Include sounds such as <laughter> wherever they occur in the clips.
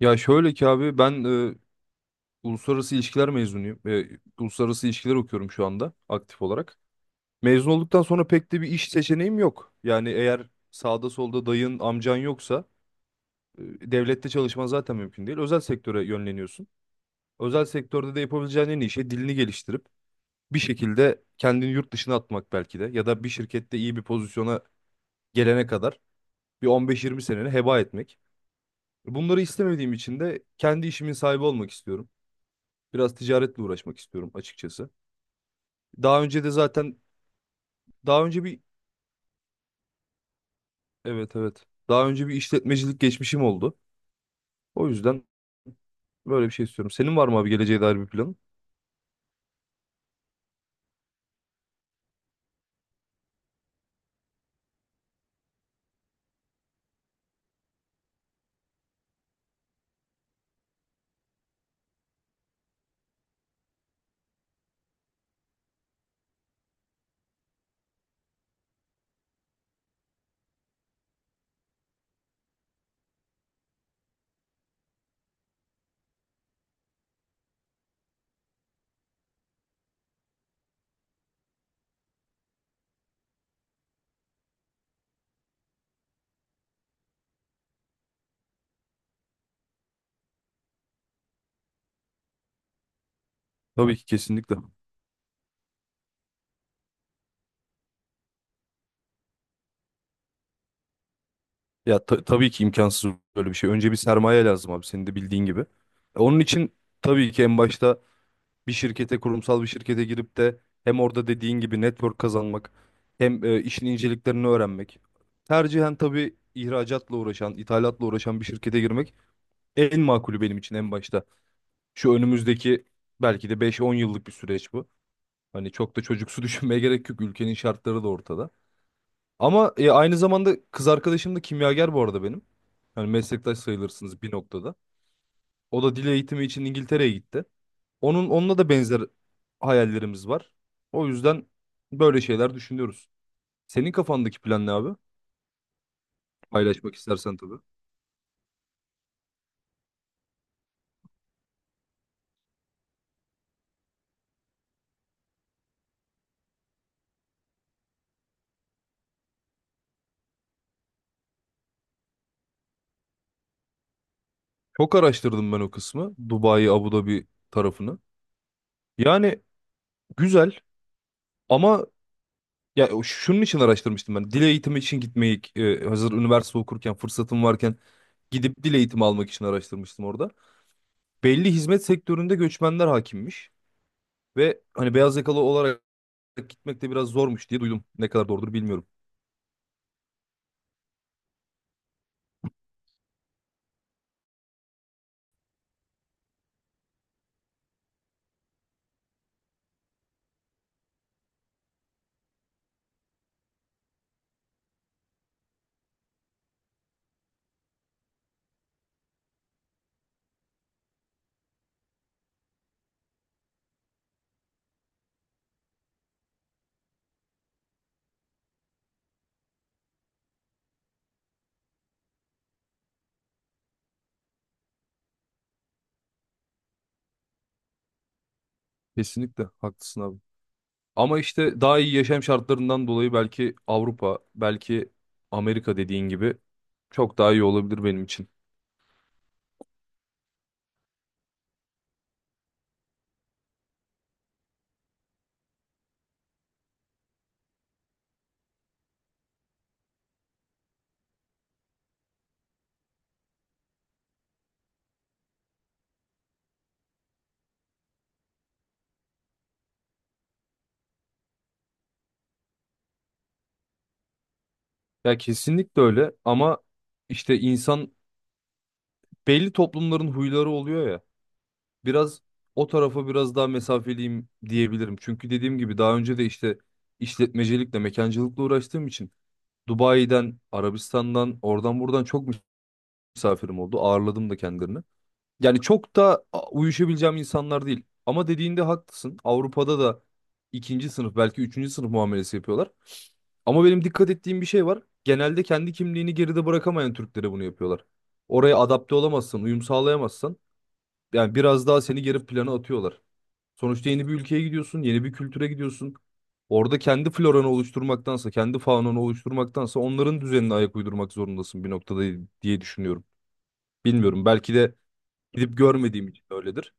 Ya şöyle ki abi ben e, uluslararası ilişkiler mezunuyum. Uluslararası ilişkiler okuyorum şu anda aktif olarak. Mezun olduktan sonra pek de bir iş seçeneğim yok. Yani eğer sağda solda dayın, amcan yoksa e, devlette çalışman zaten mümkün değil. Özel sektöre yönleniyorsun. Özel sektörde de yapabileceğin en iyi şey dilini geliştirip bir şekilde kendini yurt dışına atmak belki de, ya da bir şirkette iyi bir pozisyona gelene kadar bir 15-20 seneni heba etmek. Bunları istemediğim için de kendi işimin sahibi olmak istiyorum. Biraz ticaretle uğraşmak istiyorum açıkçası. Daha önce de zaten daha önce bir evet evet. Daha önce bir işletmecilik geçmişim oldu. O yüzden böyle bir şey istiyorum. Senin var mı abi geleceğe dair bir planın? Tabii ki, kesinlikle. Ya tabii ki imkansız böyle bir şey. Önce bir sermaye lazım abi, senin de bildiğin gibi. Onun için tabii ki en başta bir şirkete, kurumsal bir şirkete girip de hem orada dediğin gibi network kazanmak hem işin inceliklerini öğrenmek. Tercihen tabii ihracatla uğraşan, ithalatla uğraşan bir şirkete girmek en makulü benim için en başta. Şu önümüzdeki belki de 5-10 yıllık bir süreç bu. Hani çok da çocuksu <laughs> düşünmeye gerek yok. Ülkenin şartları da ortada. Ama aynı zamanda kız arkadaşım da kimyager bu arada benim. Yani meslektaş sayılırsınız bir noktada. O da dil eğitimi için İngiltere'ye gitti. Onunla da benzer hayallerimiz var. O yüzden böyle şeyler düşünüyoruz. Senin kafandaki plan ne abi? Paylaşmak istersen tabii. Çok araştırdım ben o kısmı, Dubai, Abu Dhabi tarafını. Yani güzel ama... Ya şunun için araştırmıştım ben. Dil eğitimi için gitmeyi, hazır üniversite okurken fırsatım varken gidip dil eğitimi almak için araştırmıştım orada. Belli hizmet sektöründe göçmenler hakimmiş ve hani beyaz yakalı olarak gitmek de biraz zormuş diye duydum. Ne kadar doğrudur bilmiyorum. Kesinlikle haklısın abi. Ama işte daha iyi yaşam şartlarından dolayı belki Avrupa, belki Amerika dediğin gibi çok daha iyi olabilir benim için. Ya kesinlikle öyle, ama işte insan, belli toplumların huyları oluyor biraz, o tarafa biraz daha mesafeliyim diyebilirim. Çünkü dediğim gibi daha önce de işte işletmecilikle, mekancılıkla uğraştığım için Dubai'den, Arabistan'dan, oradan buradan çok misafirim oldu. Ağırladım da kendilerini. Yani çok da uyuşabileceğim insanlar değil. Ama dediğinde haklısın. Avrupa'da da ikinci sınıf, belki üçüncü sınıf muamelesi yapıyorlar. Ama benim dikkat ettiğim bir şey var. Genelde kendi kimliğini geride bırakamayan Türklere bunu yapıyorlar. Oraya adapte olamazsan, uyum sağlayamazsan yani biraz daha seni geri plana atıyorlar. Sonuçta yeni bir ülkeye gidiyorsun, yeni bir kültüre gidiyorsun. Orada kendi floranı oluşturmaktansa, kendi faunanı oluşturmaktansa onların düzenine ayak uydurmak zorundasın bir noktada diye düşünüyorum. Bilmiyorum, belki de gidip görmediğim için öyledir.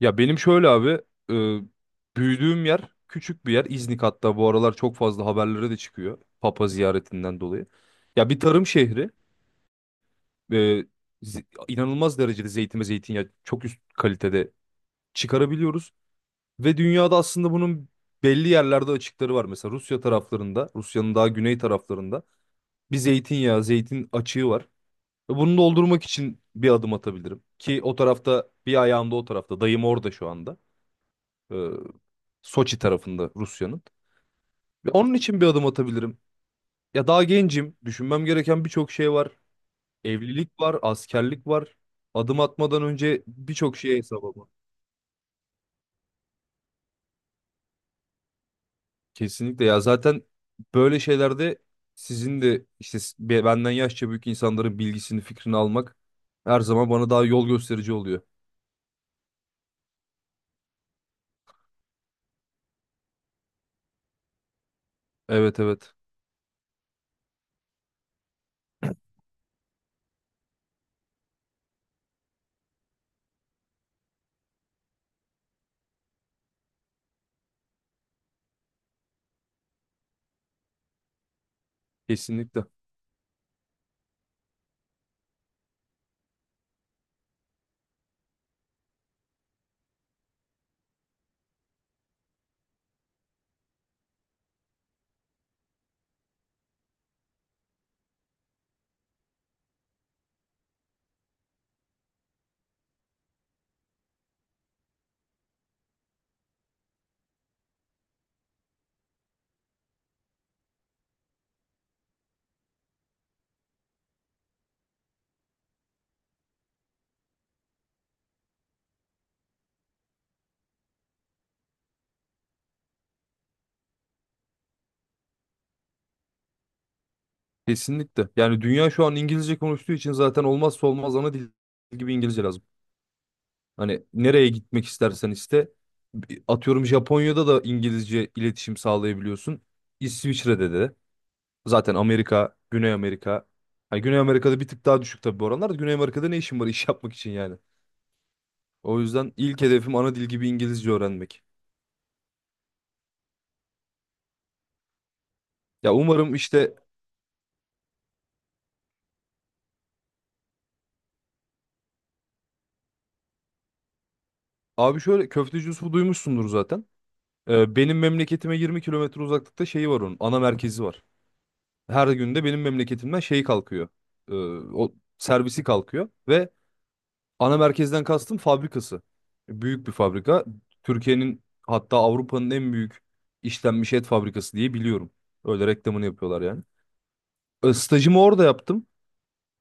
Ya benim şöyle abi, büyüdüğüm yer küçük bir yer. İznik hatta bu aralar çok fazla haberlere de çıkıyor Papa ziyaretinden dolayı. Ya bir tarım şehri, e, inanılmaz derecede zeytin ve zeytinyağı çok üst kalitede çıkarabiliyoruz. Ve dünyada aslında bunun belli yerlerde açıkları var. Mesela Rusya taraflarında, Rusya'nın daha güney taraflarında bir zeytinyağı, zeytin açığı var. Ve bunu doldurmak için bir adım atabilirim. Ki o tarafta bir ayağım da, o tarafta. Dayım orada şu anda. Ee, Soçi tarafında Rusya'nın. Ve onun için bir adım atabilirim. Ya daha gencim. Düşünmem gereken birçok şey var. Evlilik var, askerlik var. Adım atmadan önce birçok şeye hesaba... Kesinlikle ya, zaten böyle şeylerde sizin de işte benden yaşça büyük insanların bilgisini fikrini almak her zaman bana daha yol gösterici oluyor. Evet evet, kesinlikle kesinlikle, yani dünya şu an İngilizce konuştuğu için zaten olmazsa olmaz, ana dil gibi İngilizce lazım. Hani nereye gitmek istersen iste, atıyorum Japonya'da da İngilizce iletişim sağlayabiliyorsun. İsviçre'de de, zaten Amerika, Güney Amerika. Hani Güney Amerika'da bir tık daha düşük tabii bu oranlar da. Güney Amerika'da ne işin var iş yapmak için yani? O yüzden ilk hedefim ana dil gibi İngilizce öğrenmek. Ya umarım, işte abi şöyle, Köfteci Yusuf'u duymuşsundur zaten. Benim memleketime 20 kilometre uzaklıkta şeyi var onun. Ana merkezi var. Her gün de benim memleketimden şey kalkıyor. Ee, O servisi kalkıyor ve ana merkezden kastım fabrikası. Büyük bir fabrika. Türkiye'nin hatta Avrupa'nın en büyük işlenmiş et fabrikası diye biliyorum. Öyle reklamını yapıyorlar yani. Stajımı orada yaptım.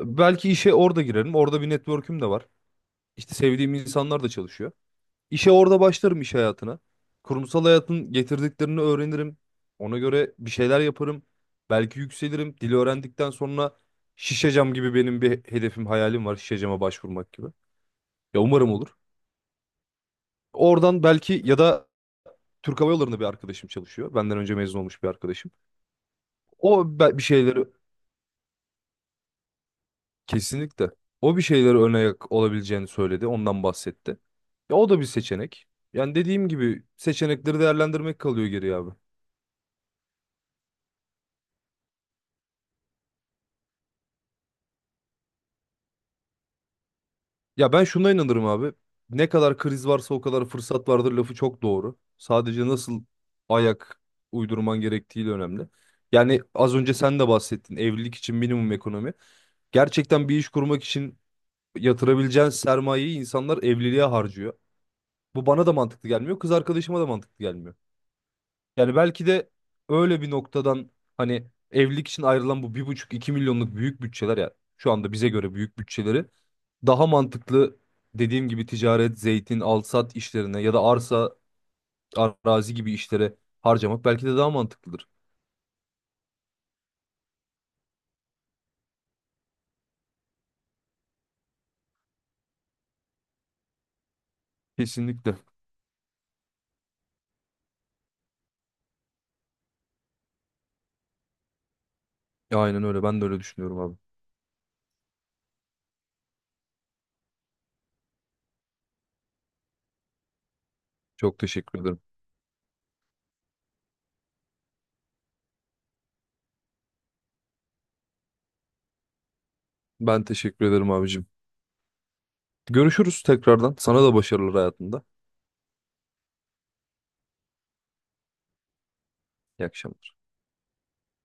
Belki işe orada girerim. Orada bir network'üm de var. İşte sevdiğim insanlar da çalışıyor. İşe orada başlarım iş hayatına. Kurumsal hayatın getirdiklerini öğrenirim. Ona göre bir şeyler yaparım. Belki yükselirim. Dili öğrendikten sonra Şişecam gibi benim bir hedefim, hayalim var. Şişecam'a başvurmak gibi. Ya umarım olur. Oradan belki, ya da Türk Hava Yolları'nda bir arkadaşım çalışıyor. Benden önce mezun olmuş bir arkadaşım. Bir şeyleri... Kesinlikle. O bir şeylere ön ayak olabileceğini söyledi. Ondan bahsetti. Ya o da bir seçenek. Yani dediğim gibi seçenekleri değerlendirmek kalıyor geriye abi. Ya ben şuna inanırım abi. Ne kadar kriz varsa o kadar fırsat vardır lafı çok doğru. Sadece nasıl ayak uydurman gerektiği de önemli. Yani az önce sen de bahsettin, evlilik için minimum ekonomi. Gerçekten bir iş kurmak için yatırabileceğin sermayeyi insanlar evliliğe harcıyor. Bu bana da mantıklı gelmiyor, kız arkadaşıma da mantıklı gelmiyor. Yani belki de öyle bir noktadan, hani evlilik için ayrılan bu bir buçuk iki milyonluk büyük bütçeler, ya şu anda bize göre büyük bütçeleri daha mantıklı, dediğim gibi ticaret, zeytin, alsat işlerine ya da arsa, arazi gibi işlere harcamak belki de daha mantıklıdır. Kesinlikle. Aynen öyle. Ben de öyle düşünüyorum abi. Çok teşekkür ederim. Ben teşekkür ederim abicim. Görüşürüz tekrardan. Sana da başarılar hayatında. İyi akşamlar.